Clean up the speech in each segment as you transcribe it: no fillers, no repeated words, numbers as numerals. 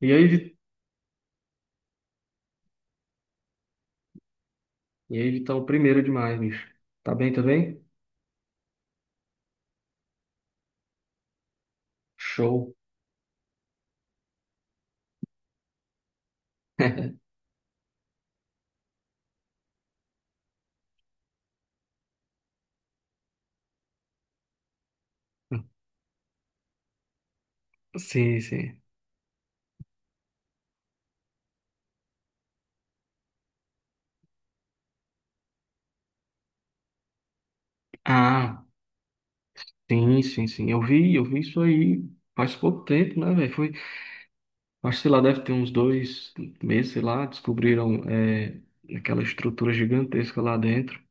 E aí, Vi- e aí, Vitão, primeiro demais, bicho. Tá bem, tá bem? Show. Sim, sim. Ah, sim, sim. Eu vi isso aí faz pouco tempo, né, velho? Foi, acho, que, sei lá, deve ter uns dois meses, sei lá, descobriram aquela estrutura gigantesca lá dentro.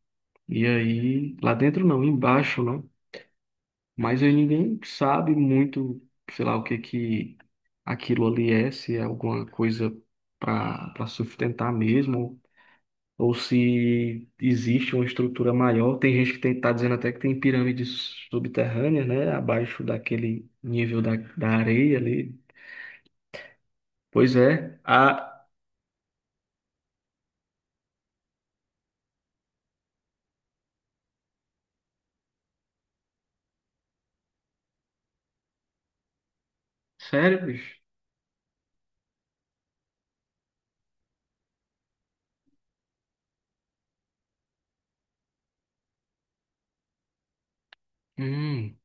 E aí, lá dentro não, embaixo, né? Mas aí ninguém sabe muito, sei lá, o que que aquilo ali é, se é alguma coisa para sustentar mesmo ou se existe uma estrutura maior. Tem gente que está dizendo até que tem pirâmides subterrâneas, né, abaixo daquele nível da areia ali. Pois é, a... Sério, bicho? Hum,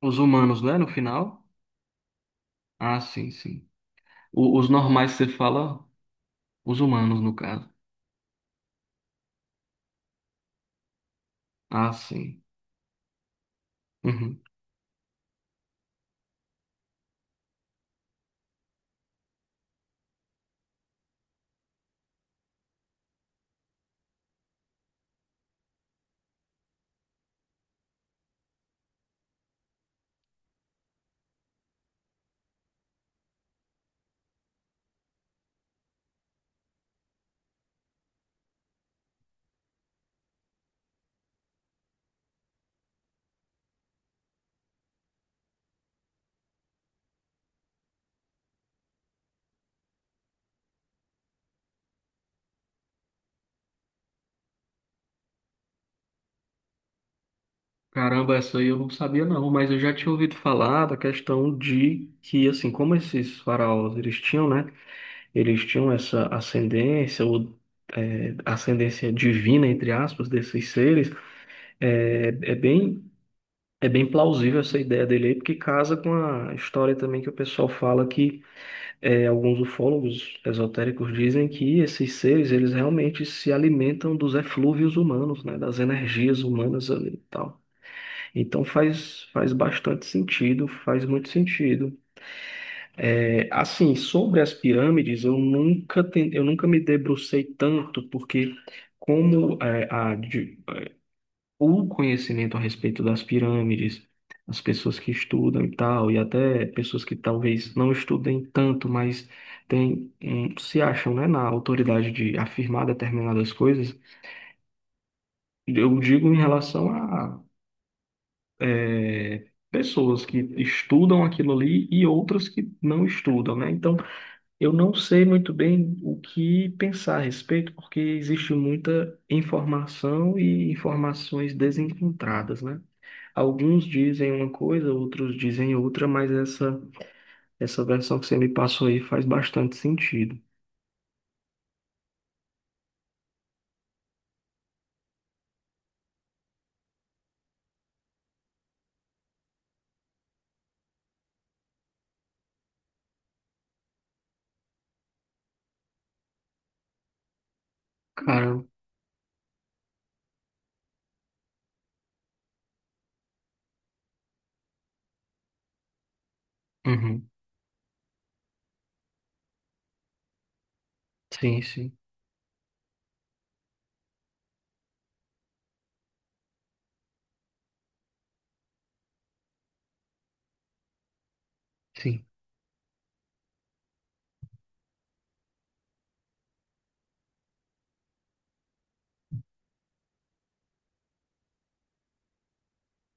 os humanos, né, no final? Ah, sim, sim. Os normais, você fala, os humanos, no caso. Ah, sim. Uhum. Caramba, essa aí eu não sabia não, mas eu já tinha ouvido falar da questão de que, assim, como esses faraós, eles tinham, né? Eles tinham essa ascendência ou ascendência divina, entre aspas, desses seres, é, é bem, é bem plausível essa ideia dele aí, porque casa com a história também que o pessoal fala que alguns ufólogos esotéricos dizem que esses seres, eles realmente se alimentam dos eflúvios humanos, né, das energias humanas ali e tal. Então faz bastante sentido, faz muito sentido. É, assim, sobre as pirâmides, eu nunca me debrucei tanto, porque como é, o conhecimento a respeito das pirâmides, as pessoas que estudam e tal, e até pessoas que talvez não estudem tanto, mas tem, se acham, né, na autoridade de afirmar determinadas coisas, eu digo em relação a pessoas que estudam aquilo ali e outras que não estudam, né? Então, eu não sei muito bem o que pensar a respeito, porque existe muita informação e informações desencontradas, né? Alguns dizem uma coisa, outros dizem outra, mas essa versão que você me passou aí faz bastante sentido. Cara, uhum, sim, sim, sim,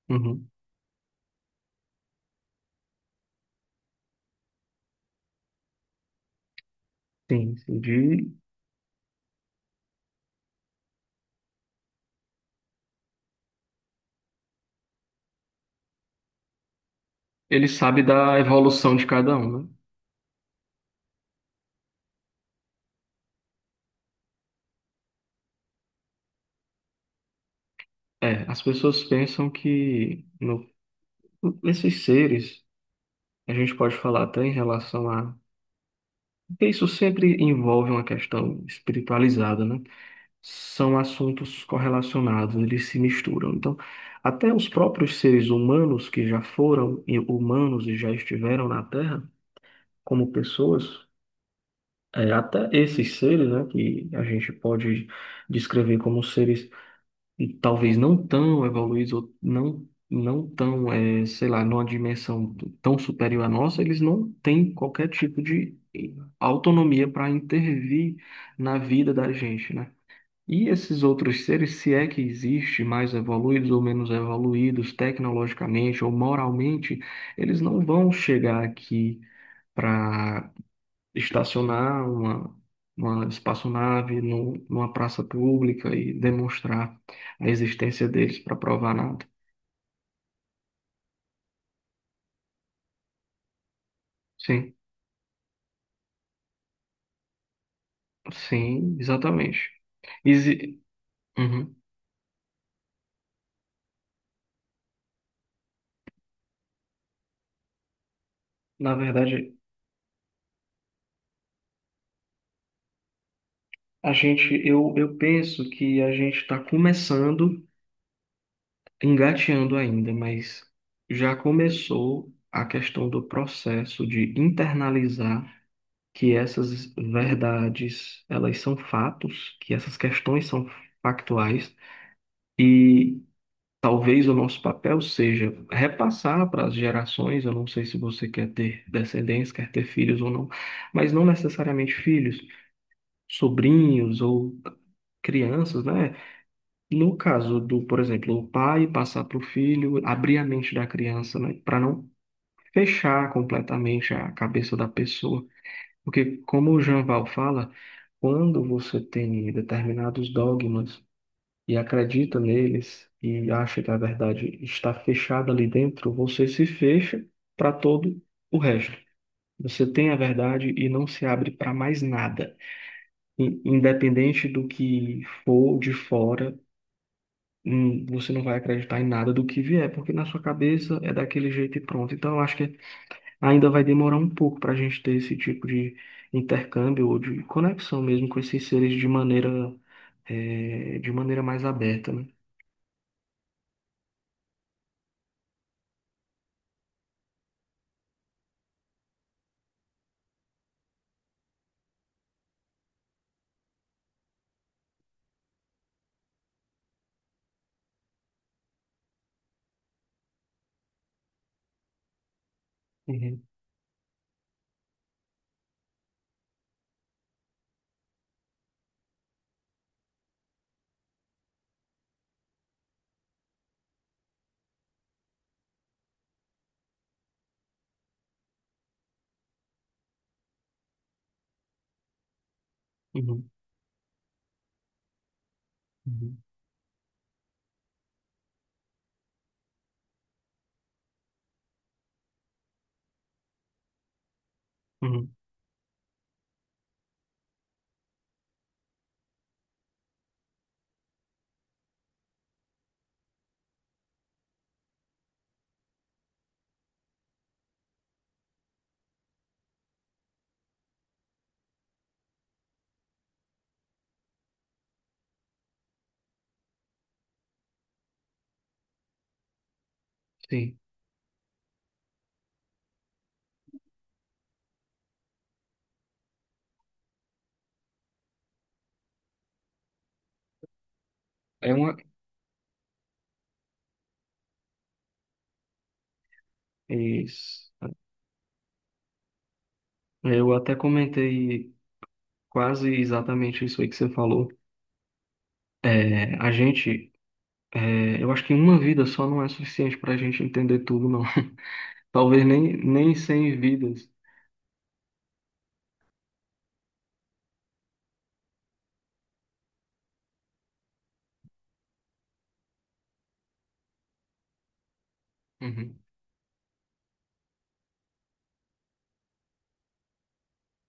uhum, sim, sim. Ele sabe da evolução de cada um, né? É, as pessoas pensam que no, nesses seres, a gente pode falar até em relação a porque isso sempre envolve uma questão espiritualizada, né? São assuntos correlacionados, eles se misturam. Então, até os próprios seres humanos que já foram e- humanos e já estiveram na Terra, como pessoas, até esses seres, né, que a gente pode descrever como seres e talvez não tão evoluídos, ou não, sei lá, numa dimensão tão superior à nossa, eles não têm qualquer tipo de autonomia para intervir na vida da gente, né? E esses outros seres, se é que existe, mais evoluídos ou menos evoluídos tecnologicamente ou moralmente, eles não vão chegar aqui para estacionar uma espaçonave no, numa praça pública e demonstrar a existência deles para provar nada. Sim, sim, exatamente. Exi- Uhum. Na verdade, eu penso que a gente está começando, engateando ainda, mas já começou a questão do processo de internalizar que essas verdades, elas são fatos, que essas questões são factuais. E talvez o nosso papel seja repassar para as gerações. Eu não sei se você quer ter descendência, quer ter filhos ou não, mas não necessariamente filhos, sobrinhos ou crianças, né? No caso do, por exemplo, o pai passar para o filho, abrir a mente da criança, né? Para não fechar completamente a cabeça da pessoa. Porque, como o Jean Val fala, quando você tem determinados dogmas e acredita neles e acha que a verdade está fechada ali dentro, você se fecha para todo o resto. Você tem a verdade e não se abre para mais nada. Independente do que for de fora, você não vai acreditar em nada do que vier, porque na sua cabeça é daquele jeito e pronto. Então, eu acho que ainda vai demorar um pouco para a gente ter esse tipo de intercâmbio ou de conexão mesmo com esses seres de maneira, de maneira mais aberta, né? Uhum. Uhum. Uhum. Uhum. Sim. É uma. É isso. Eu até comentei quase exatamente isso aí que você falou. É, a gente. É, eu acho que uma vida só não é suficiente para a gente entender tudo, não. Talvez nem cem vidas. Uhum.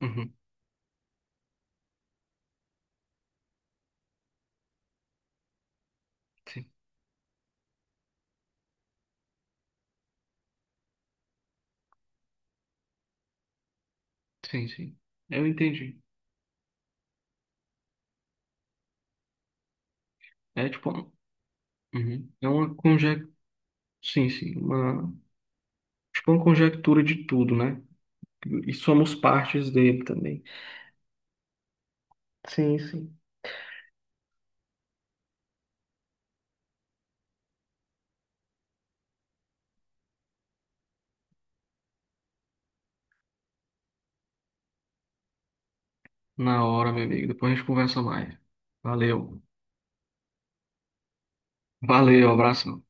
Uhum. Sim. Sim, sim. Eu entendi. É tipo. Uhum. É uma conjectura. Sim, sim. Uma, tipo uma conjectura de tudo, né? E somos partes dele também. Sim, sim. Na hora, meu amigo. Depois a gente conversa mais. Valeu. Valeu, abraço.